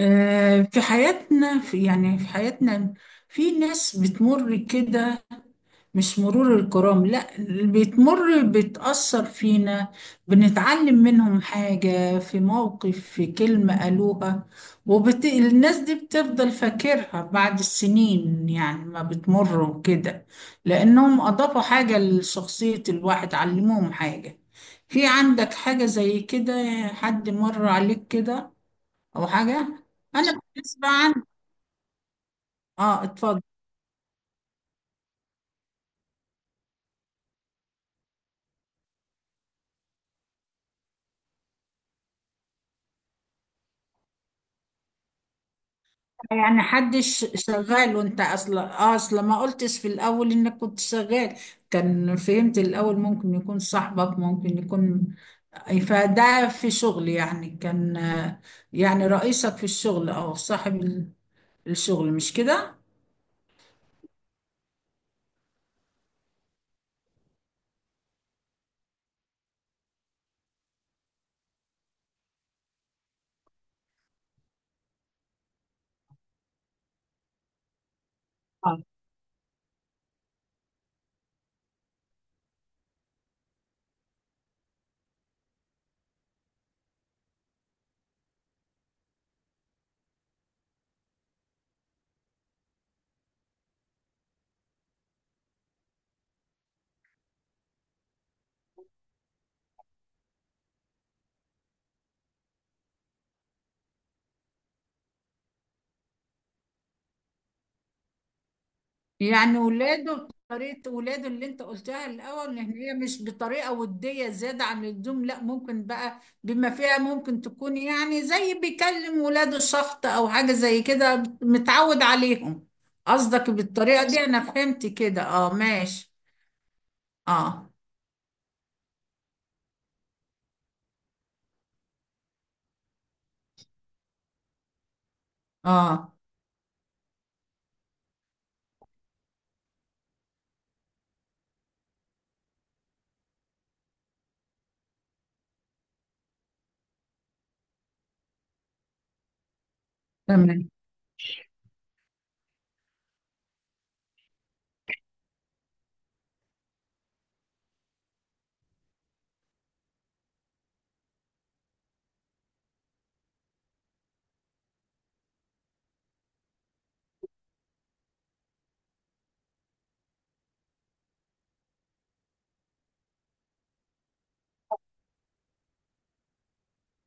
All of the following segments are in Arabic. في حياتنا في حياتنا في ناس بتمر كده، مش مرور الكرام. لا، اللي بتمر بتأثر فينا، بنتعلم منهم حاجة، في موقف، في كلمة قالوها. الناس دي بتفضل فاكرها بعد السنين، يعني ما بتمر وكده، لأنهم أضافوا حاجة لشخصية الواحد، علموهم حاجة. في عندك حاجة زي كده؟ حد مر عليك كده او حاجه؟ انا بالنسبه عن، اه اتفضل. يعني حدش شغال، وانت اصلا ما قلتش في الاول انك كنت شغال. كان فهمت الاول ممكن يكون صاحبك، ممكن يكون. فده في شغل يعني، كان يعني رئيسك في الشغل او صاحب الشغل، مش كده؟ يعني ولاده، طريقة ولاده اللي انت قلتها الأول، ان هي مش بطريقة ودية زيادة عن اللزوم. لا، ممكن بقى، بما فيها ممكن تكون يعني زي بيكلم ولاده، شخط أو حاجة زي كده، متعود عليهم. قصدك بالطريقة دي؟ أنا فهمت كده، اه ماشي. اه. اه. تمام.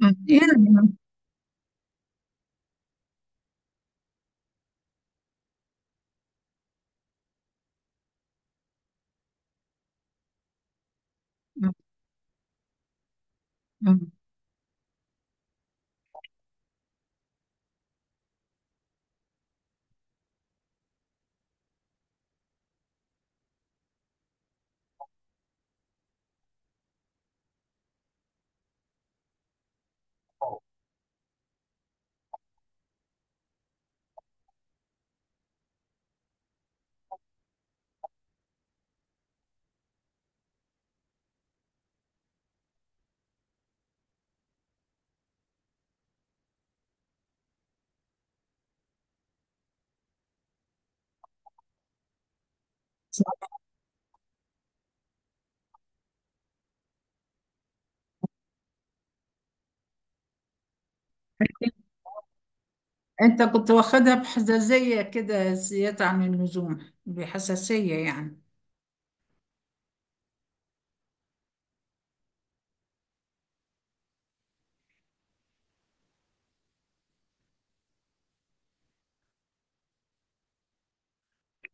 يعني. مم. مم. صح. انت كنت واخدها بحساسية كده زيادة عن اللزوم، بحساسية يعني.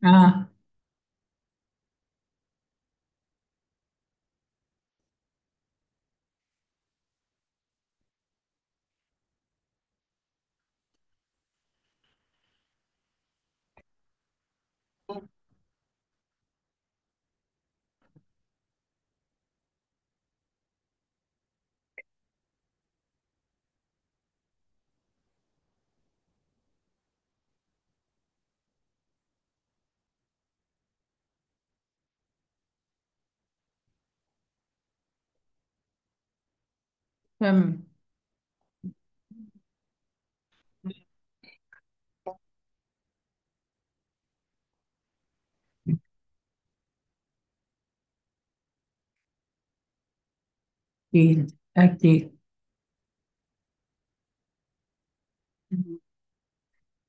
اه. تمام. أكيد أكيد. مم.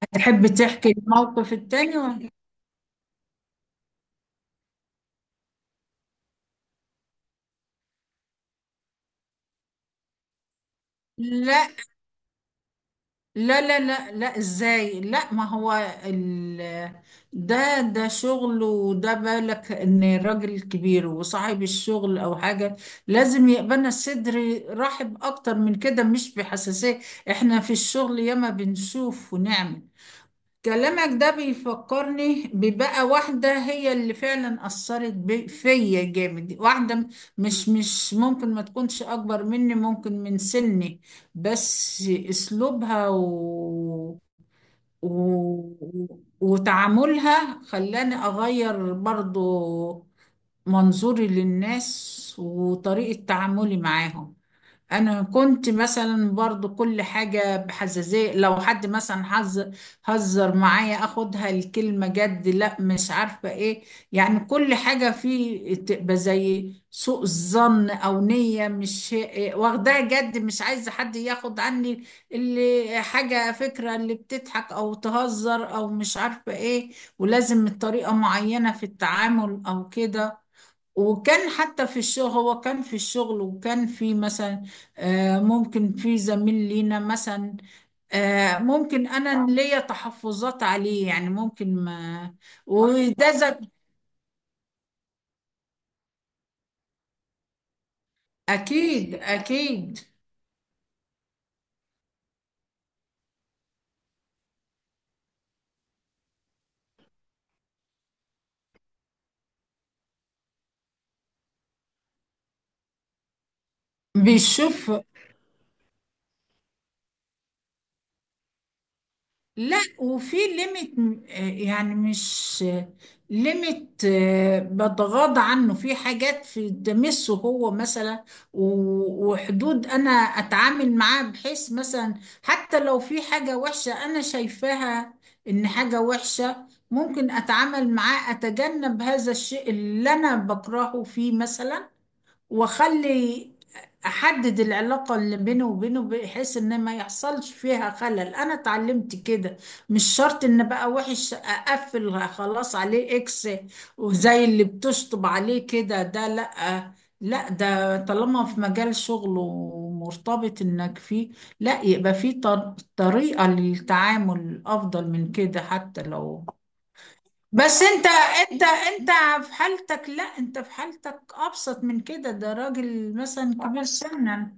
هتحب تحكي الموقف التاني ولا؟ لا لا لا لا لا. إزاي؟ لا ما هو ال... ده شغل، وده بالك إن راجل كبير وصاحب الشغل أو حاجة، لازم يقبلنا الصدر رحب أكتر من كده، مش بحساسية. إحنا في الشغل ياما بنشوف ونعمل. كلامك ده بيفكرني ببقى واحدة هي اللي فعلا أثرت فيا جامد، واحدة مش ممكن ما تكونش أكبر مني، ممكن من سني، بس أسلوبها و... وتعاملها خلاني أغير برضو منظوري للناس وطريقة تعاملي معاهم. انا كنت مثلا برضو كل حاجة بحزازية، لو حد مثلا هزر معايا اخدها الكلمة جد، لا مش عارفة ايه. يعني كل حاجة فيه تبقى زي سوء الظن او نية، مش واخداها جد، مش عايزة حد ياخد عني اللي حاجة، فكرة اللي بتضحك او تهزر او مش عارفة ايه، ولازم الطريقة معينة في التعامل او كده. وكان حتى في الشغل، هو كان في الشغل، وكان في مثلا ممكن في زميل لينا مثلا، ممكن انا ليا تحفظات عليه، يعني ممكن ما. وده زك- اكيد اكيد. بيشوف. لا، وفي ليميت، يعني مش ليميت. بتغاضى عنه في حاجات، في تمسه هو مثلا، وحدود انا اتعامل معاها، بحيث مثلا حتى لو في حاجة وحشة انا شايفاها ان حاجة وحشة، ممكن اتعامل معاه، اتجنب هذا الشيء اللي انا بكرهه فيه مثلا، واخلي، احدد العلاقة اللي بيني وبينه بحيث ان ما يحصلش فيها خلل. انا اتعلمت كده، مش شرط ان بقى وحش اقفل خلاص عليه اكس، وزي اللي بتشطب عليه كده، ده لا. لا، ده طالما في مجال شغله ومرتبط انك فيه، لا، يبقى في طريقة للتعامل افضل من كده، حتى لو. بس انت انت، في حالتك، لا انت في حالتك ابسط من كده، ده راجل مثلا كبير سنا،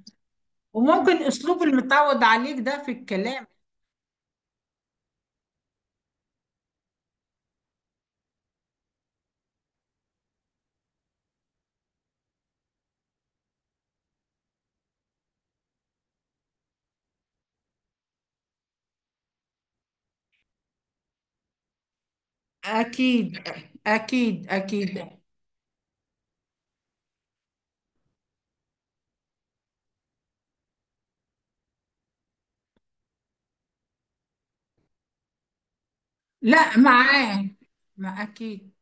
وممكن اسلوب المتعود عليك ده في الكلام. اكيد اكيد اكيد. لا معاه. ما اكيد.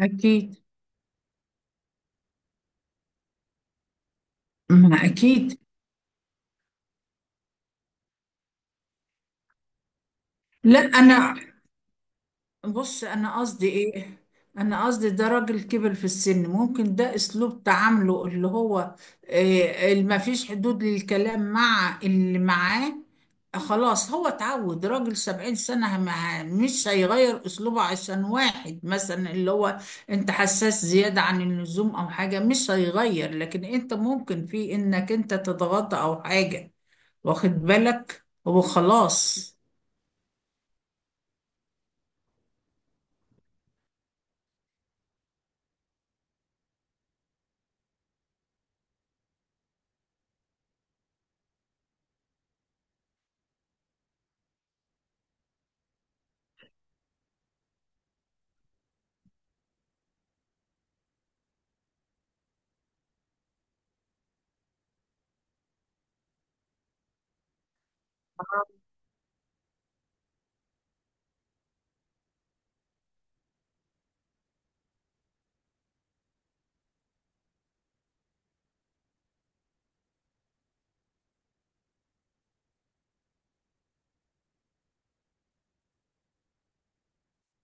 اكيد. ما اكيد. لا انا، بص انا قصدي ايه، انا قصدي ده راجل كبر في السن، ممكن ده اسلوب تعامله اللي هو اللي ما فيش حدود للكلام مع اللي معاه. خلاص، هو اتعود، راجل 70 سنة، مش هيغير اسلوبه عشان واحد مثلا اللي هو انت حساس زيادة عن اللزوم او حاجة، مش هيغير. لكن انت ممكن في انك انت تضغط او حاجة، واخد بالك؟ هو خلاص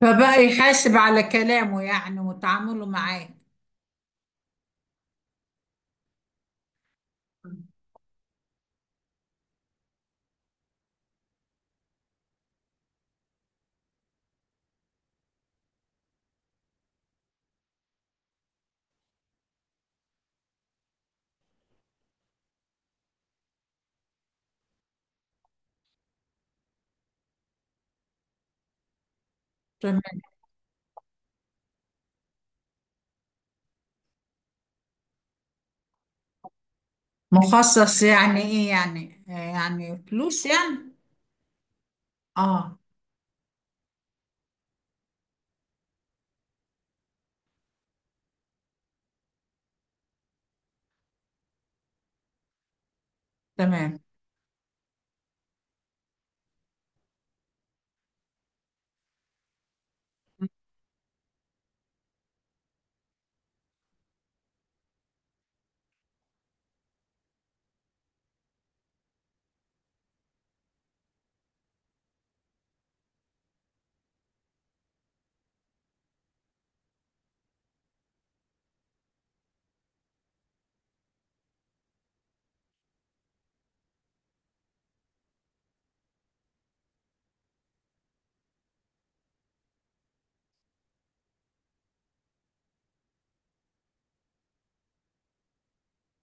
فبقى يحاسب على كلامه يعني وتعامله معاه. تمام. مخصص يعني ايه يعني؟ يعني فلوس يعني؟ اه. تمام.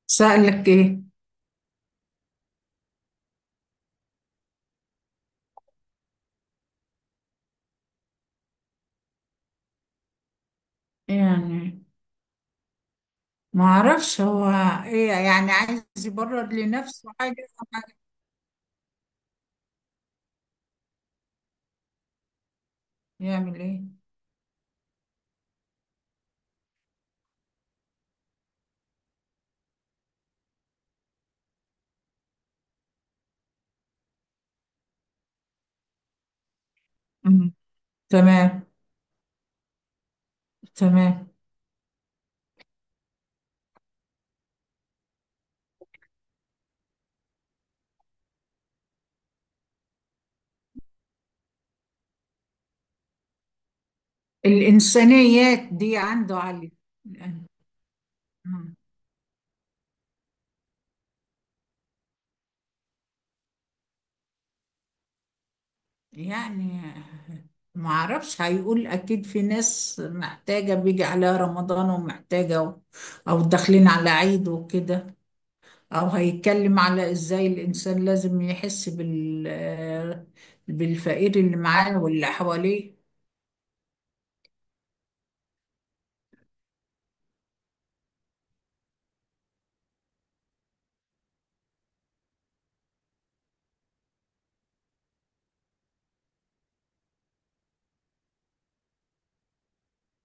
سألك ايه؟ يعني ما اعرفش هو ايه، يعني عايز يبرر لنفسه حاجة؟ حاجة. يعمل ايه؟ مم. تمام. تمام. الإنسانيات دي عنده عالية. يعني معرفش، هيقول أكيد في ناس محتاجة، بيجي عليها رمضان ومحتاجة أو داخلين على عيد وكده، أو هيتكلم على إزاي الإنسان لازم يحس بال، بالفقير اللي معاه واللي حواليه.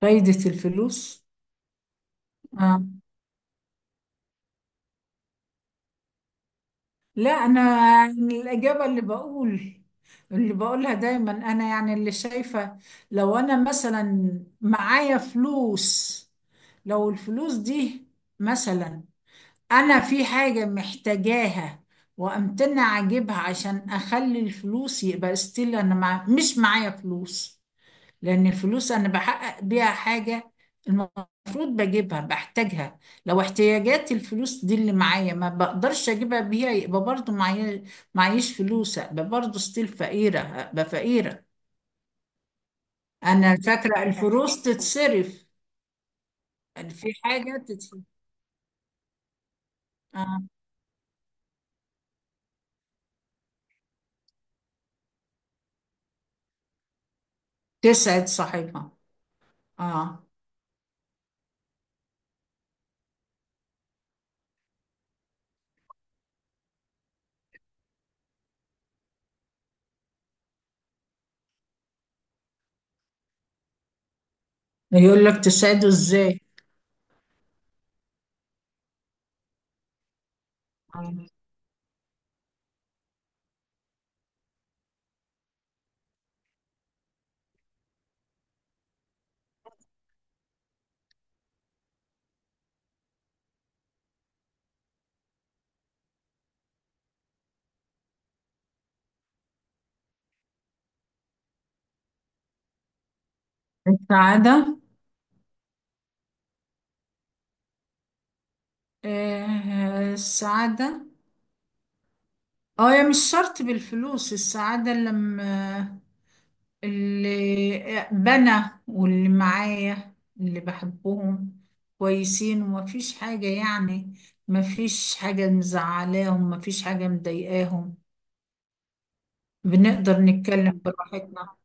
فايدة الفلوس؟ آه. لا انا، يعني الاجابه اللي بقول، اللي بقولها دايما انا، يعني اللي شايفه، لو انا مثلا معايا فلوس، لو الفلوس دي مثلا، انا في حاجه محتاجاها وامتنع اجيبها عشان اخلي الفلوس، يبقى استيل انا مش معايا فلوس. لأن الفلوس أنا بحقق بيها حاجة، المفروض بجيبها بحتاجها. لو احتياجات الفلوس دي اللي معايا ما بقدرش أجيبها بيها، يبقى برضو معايا معيش فلوس، أبقى برضو ستيل فقيرة، أبقى فقيرة. أنا فاكرة الفلوس تتصرف، يعني في حاجة تتصرف. آه. تسعد صاحبها. آه. يقول لك تسعده إزاي؟ آه. السعادة. آه. السعادة. اه، يا مش شرط بالفلوس السعادة، لما اللي بنا واللي معايا اللي بحبهم كويسين، ومفيش حاجة يعني، مفيش حاجة مزعلاهم، مفيش حاجة مضايقاهم، بنقدر نتكلم براحتنا.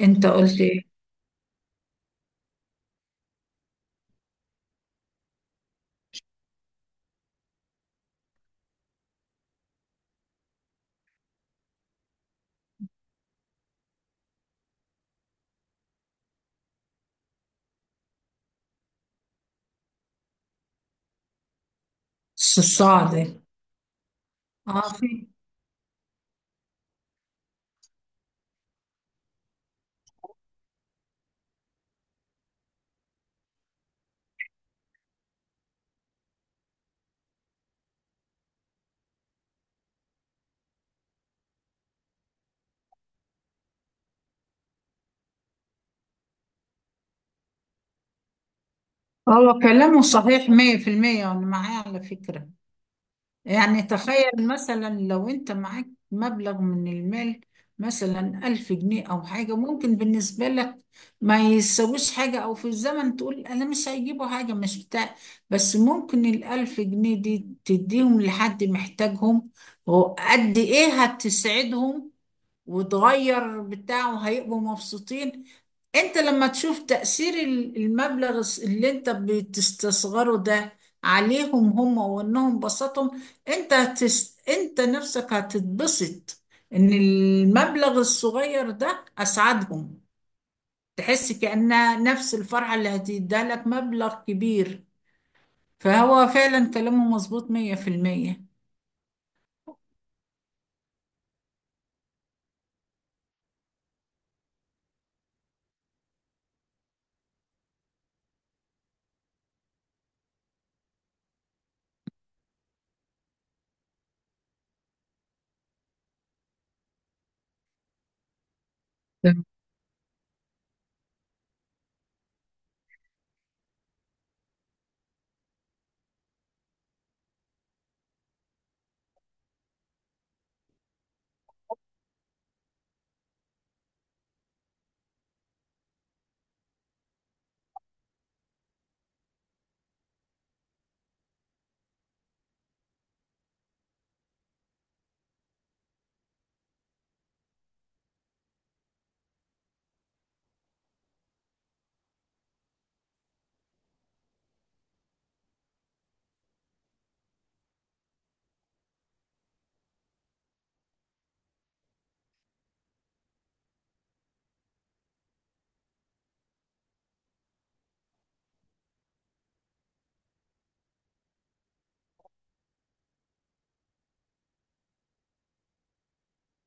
انت قلت ايه؟ الصعد. اه في. هو كلامه صحيح 100%، وانا معاه على فكرة. يعني تخيل مثلا لو انت معاك مبلغ من المال، مثلا 1000 جنيه أو حاجة، ممكن بالنسبة لك ما يسويش حاجة، أو في الزمن تقول أنا مش هيجيبوا حاجة، مش بتاع. بس ممكن الـ1000 جنيه دي تديهم لحد محتاجهم، وقد إيه هتسعدهم وتغير بتاع وهيبقوا مبسوطين. انت لما تشوف تأثير المبلغ اللي انت بتستصغره ده عليهم هم، وانهم بسطهم، انت انت نفسك هتتبسط ان المبلغ الصغير ده اسعدهم، تحس كأنها نفس الفرحة اللي هتديها لك مبلغ كبير. فهو فعلا كلامه مظبوط 100%.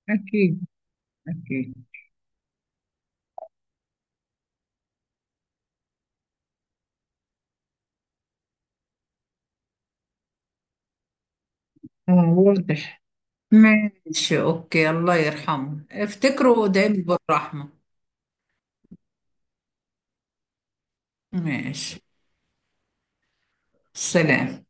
أكيد أكيد. آه واضح. ماشي، أوكي. الله يرحمه، افتكروا دايما بالرحمة. ماشي. سلام.